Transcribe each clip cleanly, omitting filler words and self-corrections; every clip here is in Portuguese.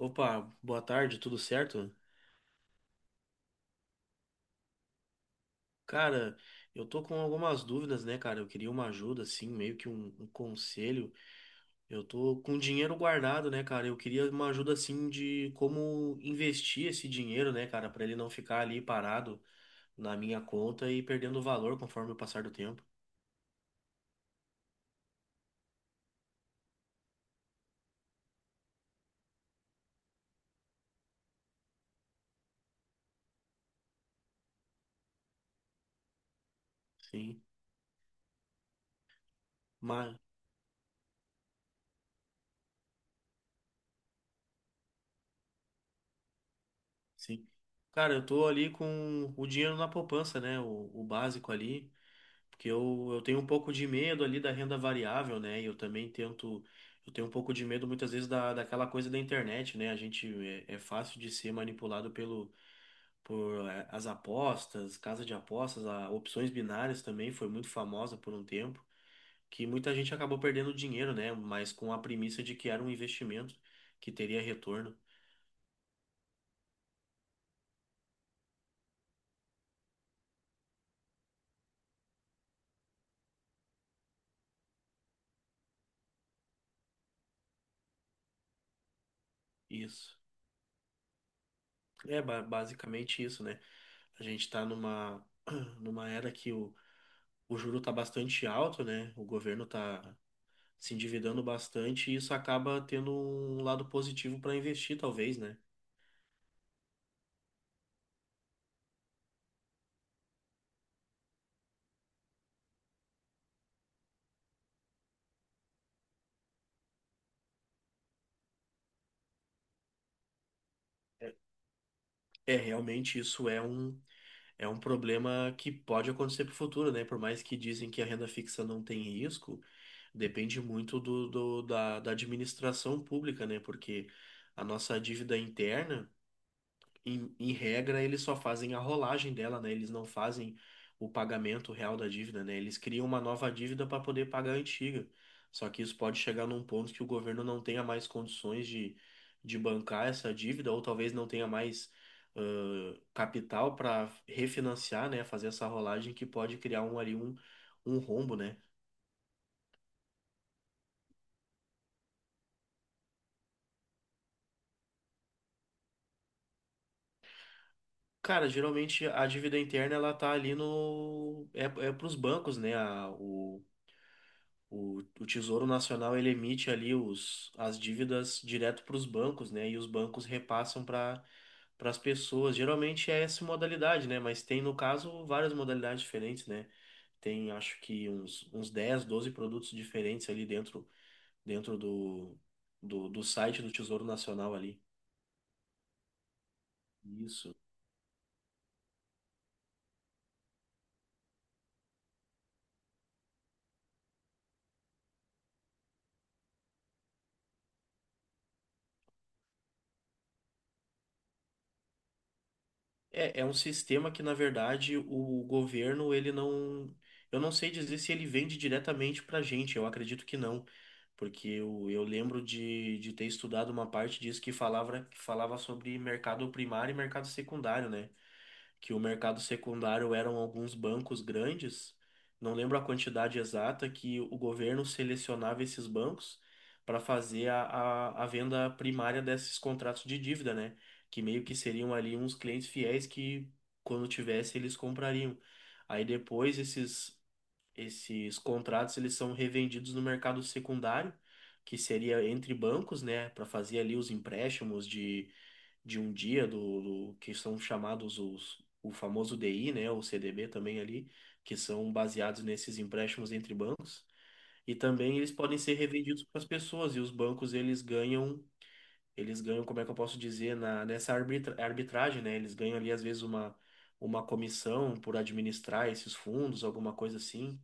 Opa, boa tarde, tudo certo? Cara, eu tô com algumas dúvidas, né, cara? Eu queria uma ajuda, assim, meio que um conselho. Eu tô com dinheiro guardado, né, cara? Eu queria uma ajuda, assim, de como investir esse dinheiro, né, cara, pra ele não ficar ali parado na minha conta e perdendo valor conforme o passar do tempo. Sim, mas, sim. Cara, eu tô ali com o dinheiro na poupança, né, o básico ali. Porque eu tenho um pouco de medo ali da renda variável, né? E eu também tento. Eu tenho um pouco de medo muitas vezes daquela coisa da internet, né? A gente é fácil de ser manipulado por as apostas, casa de apostas, opções binárias também foi muito famosa por um tempo, que muita gente acabou perdendo dinheiro, né? Mas com a premissa de que era um investimento que teria retorno. Isso. É basicamente isso, né? A gente está numa era que o juro está bastante alto, né? O governo está se endividando bastante e isso acaba tendo um lado positivo para investir, talvez, né? É, é, realmente isso é um problema que pode acontecer para o futuro, né? Por mais que dizem que a renda fixa não tem risco, depende muito da administração pública, né? Porque a nossa dívida interna, em regra, eles só fazem a rolagem dela, né? Eles não fazem o pagamento real da dívida, né? Eles criam uma nova dívida para poder pagar a antiga. Só que isso pode chegar num ponto que o governo não tenha mais condições de bancar essa dívida, ou talvez não tenha mais capital para refinanciar, né? Fazer essa rolagem que pode criar ali um rombo, né? Cara, geralmente a dívida interna ela tá ali no é para os bancos, né? O Tesouro Nacional ele emite ali as dívidas direto para os bancos, né? E os bancos repassam para as pessoas. Geralmente é essa modalidade, né? Mas tem, no caso, várias modalidades diferentes, né? Tem, acho que uns 10 12 produtos diferentes ali dentro, dentro do site do Tesouro Nacional ali. Isso. É, é um sistema que, na verdade, o governo, ele não. Eu não sei dizer se ele vende diretamente pra gente, eu acredito que não. Porque eu lembro de ter estudado uma parte disso que falava sobre mercado primário e mercado secundário, né? Que o mercado secundário eram alguns bancos grandes, não lembro a quantidade exata, que o governo selecionava esses bancos para fazer a venda primária desses contratos de dívida, né? Que meio que seriam ali uns clientes fiéis que, quando tivesse, eles comprariam. Aí depois esses contratos eles são revendidos no mercado secundário, que seria entre bancos, né, para fazer ali os empréstimos de um dia que são chamados os o famoso DI, né, o CDB também ali, que são baseados nesses empréstimos entre bancos. E também eles podem ser revendidos para as pessoas e os bancos eles ganham, como é que eu posso dizer, nessa arbitragem, né? Eles ganham ali às vezes uma comissão por administrar esses fundos, alguma coisa assim.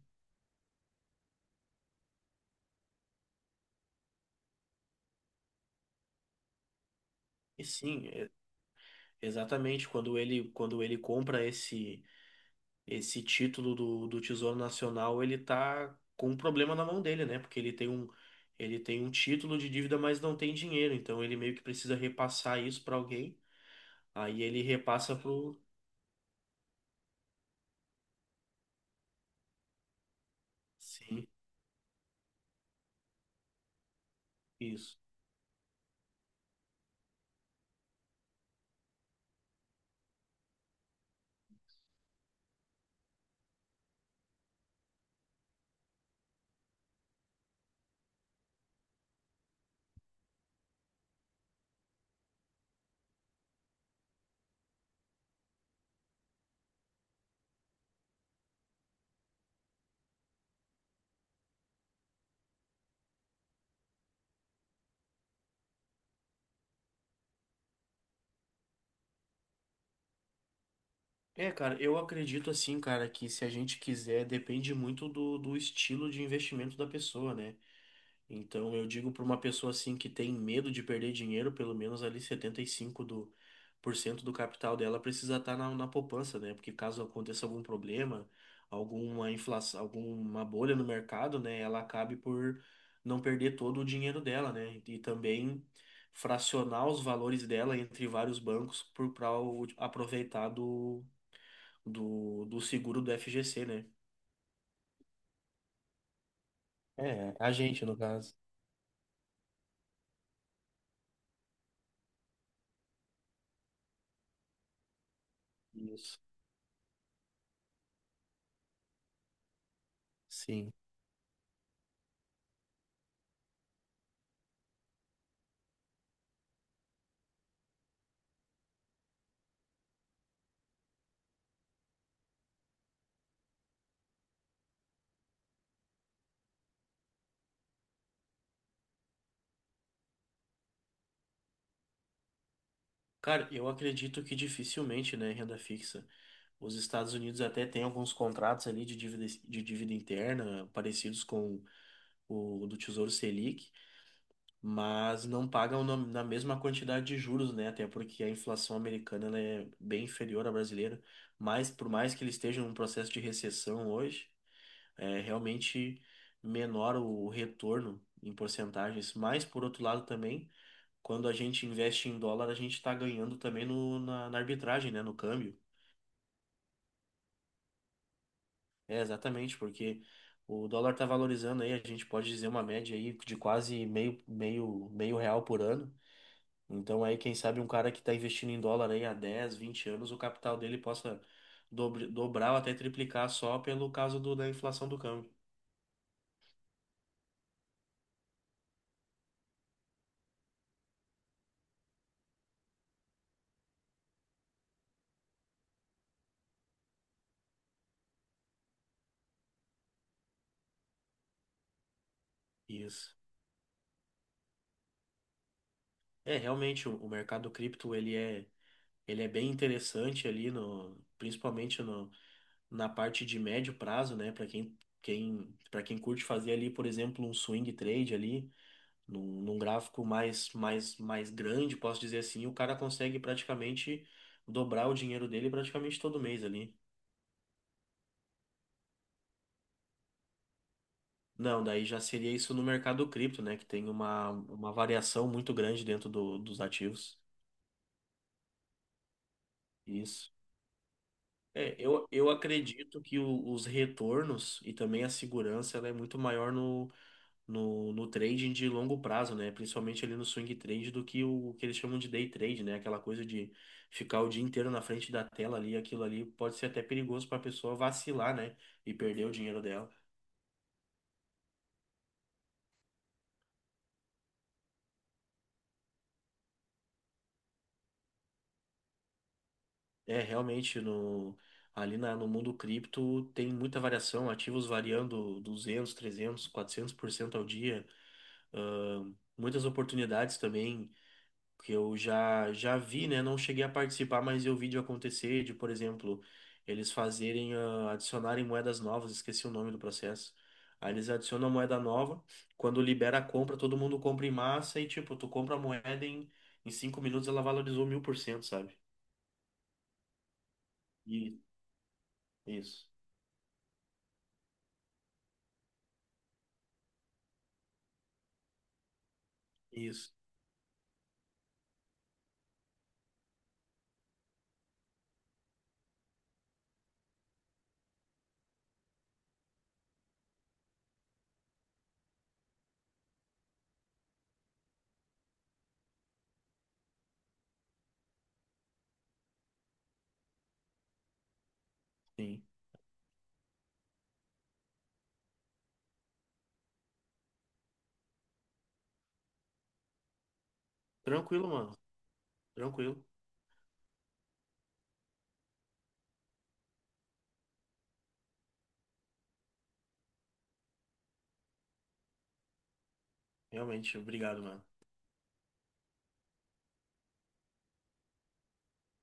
E sim, exatamente. Quando ele compra esse título do Tesouro Nacional, ele tá com um problema na mão dele, né? Porque ele tem um título de dívida, mas não tem dinheiro. Então ele meio que precisa repassar isso para alguém. Aí ele repassa pro. Sim, isso. É, cara, eu acredito assim, cara, que se a gente quiser, depende muito do estilo de investimento da pessoa, né? Então, eu digo para uma pessoa assim que tem medo de perder dinheiro, pelo menos ali 75 do por cento do capital dela precisa estar na poupança, né? Porque caso aconteça algum problema, alguma inflação, alguma bolha no mercado, né, ela acabe por não perder todo o dinheiro dela, né? E também fracionar os valores dela entre vários bancos para aproveitar do seguro do FGC, né? É, a gente, no caso. Isso. Sim. Cara, eu acredito que dificilmente, né, renda fixa. Os Estados Unidos até têm alguns contratos ali de dívida interna, parecidos com o do Tesouro Selic, mas não pagam na mesma quantidade de juros, né? Até porque a inflação americana ela é bem inferior à brasileira. Mas por mais que eles estejam num processo de recessão hoje, é realmente menor o retorno em porcentagens. Mas por outro lado também quando a gente investe em dólar, a gente está ganhando também no, na, na arbitragem, né? No câmbio. É, exatamente, porque o dólar está valorizando aí, a gente pode dizer uma média aí de quase meio real por ano. Então aí, quem sabe um cara que está investindo em dólar aí há 10 20 anos, o capital dele possa dobrar ou até triplicar só pelo caso da inflação do câmbio. Isso. É, realmente, o mercado cripto, ele é bem interessante ali, no, principalmente na parte de médio prazo, né? Para para quem curte fazer ali, por exemplo, um swing trade ali, num gráfico mais grande, posso dizer assim, o cara consegue praticamente dobrar o dinheiro dele praticamente todo mês ali. Não, daí já seria isso no mercado cripto, né? Que tem uma variação muito grande dentro dos ativos. Isso. É, eu acredito que os retornos e também a segurança ela é muito maior no trading de longo prazo, né? Principalmente ali no swing trade do que o que eles chamam de day trade, né? Aquela coisa de ficar o dia inteiro na frente da tela ali, aquilo ali pode ser até perigoso para a pessoa vacilar, né? E perder o dinheiro dela. É, realmente, no mundo cripto tem muita variação, ativos variando 200 300 400% ao dia, muitas oportunidades também que eu já vi, né? Não cheguei a participar, mas eu vi de acontecer, de, por exemplo, eles fazerem, adicionarem moedas novas, esqueci o nome do processo. Aí eles adicionam a moeda nova, quando libera a compra, todo mundo compra em massa e, tipo, tu compra a moeda em 5 minutos, ela valorizou 1.000%, sabe? E isso, isso, sim. Tranquilo, mano. Tranquilo. Realmente, obrigado, mano.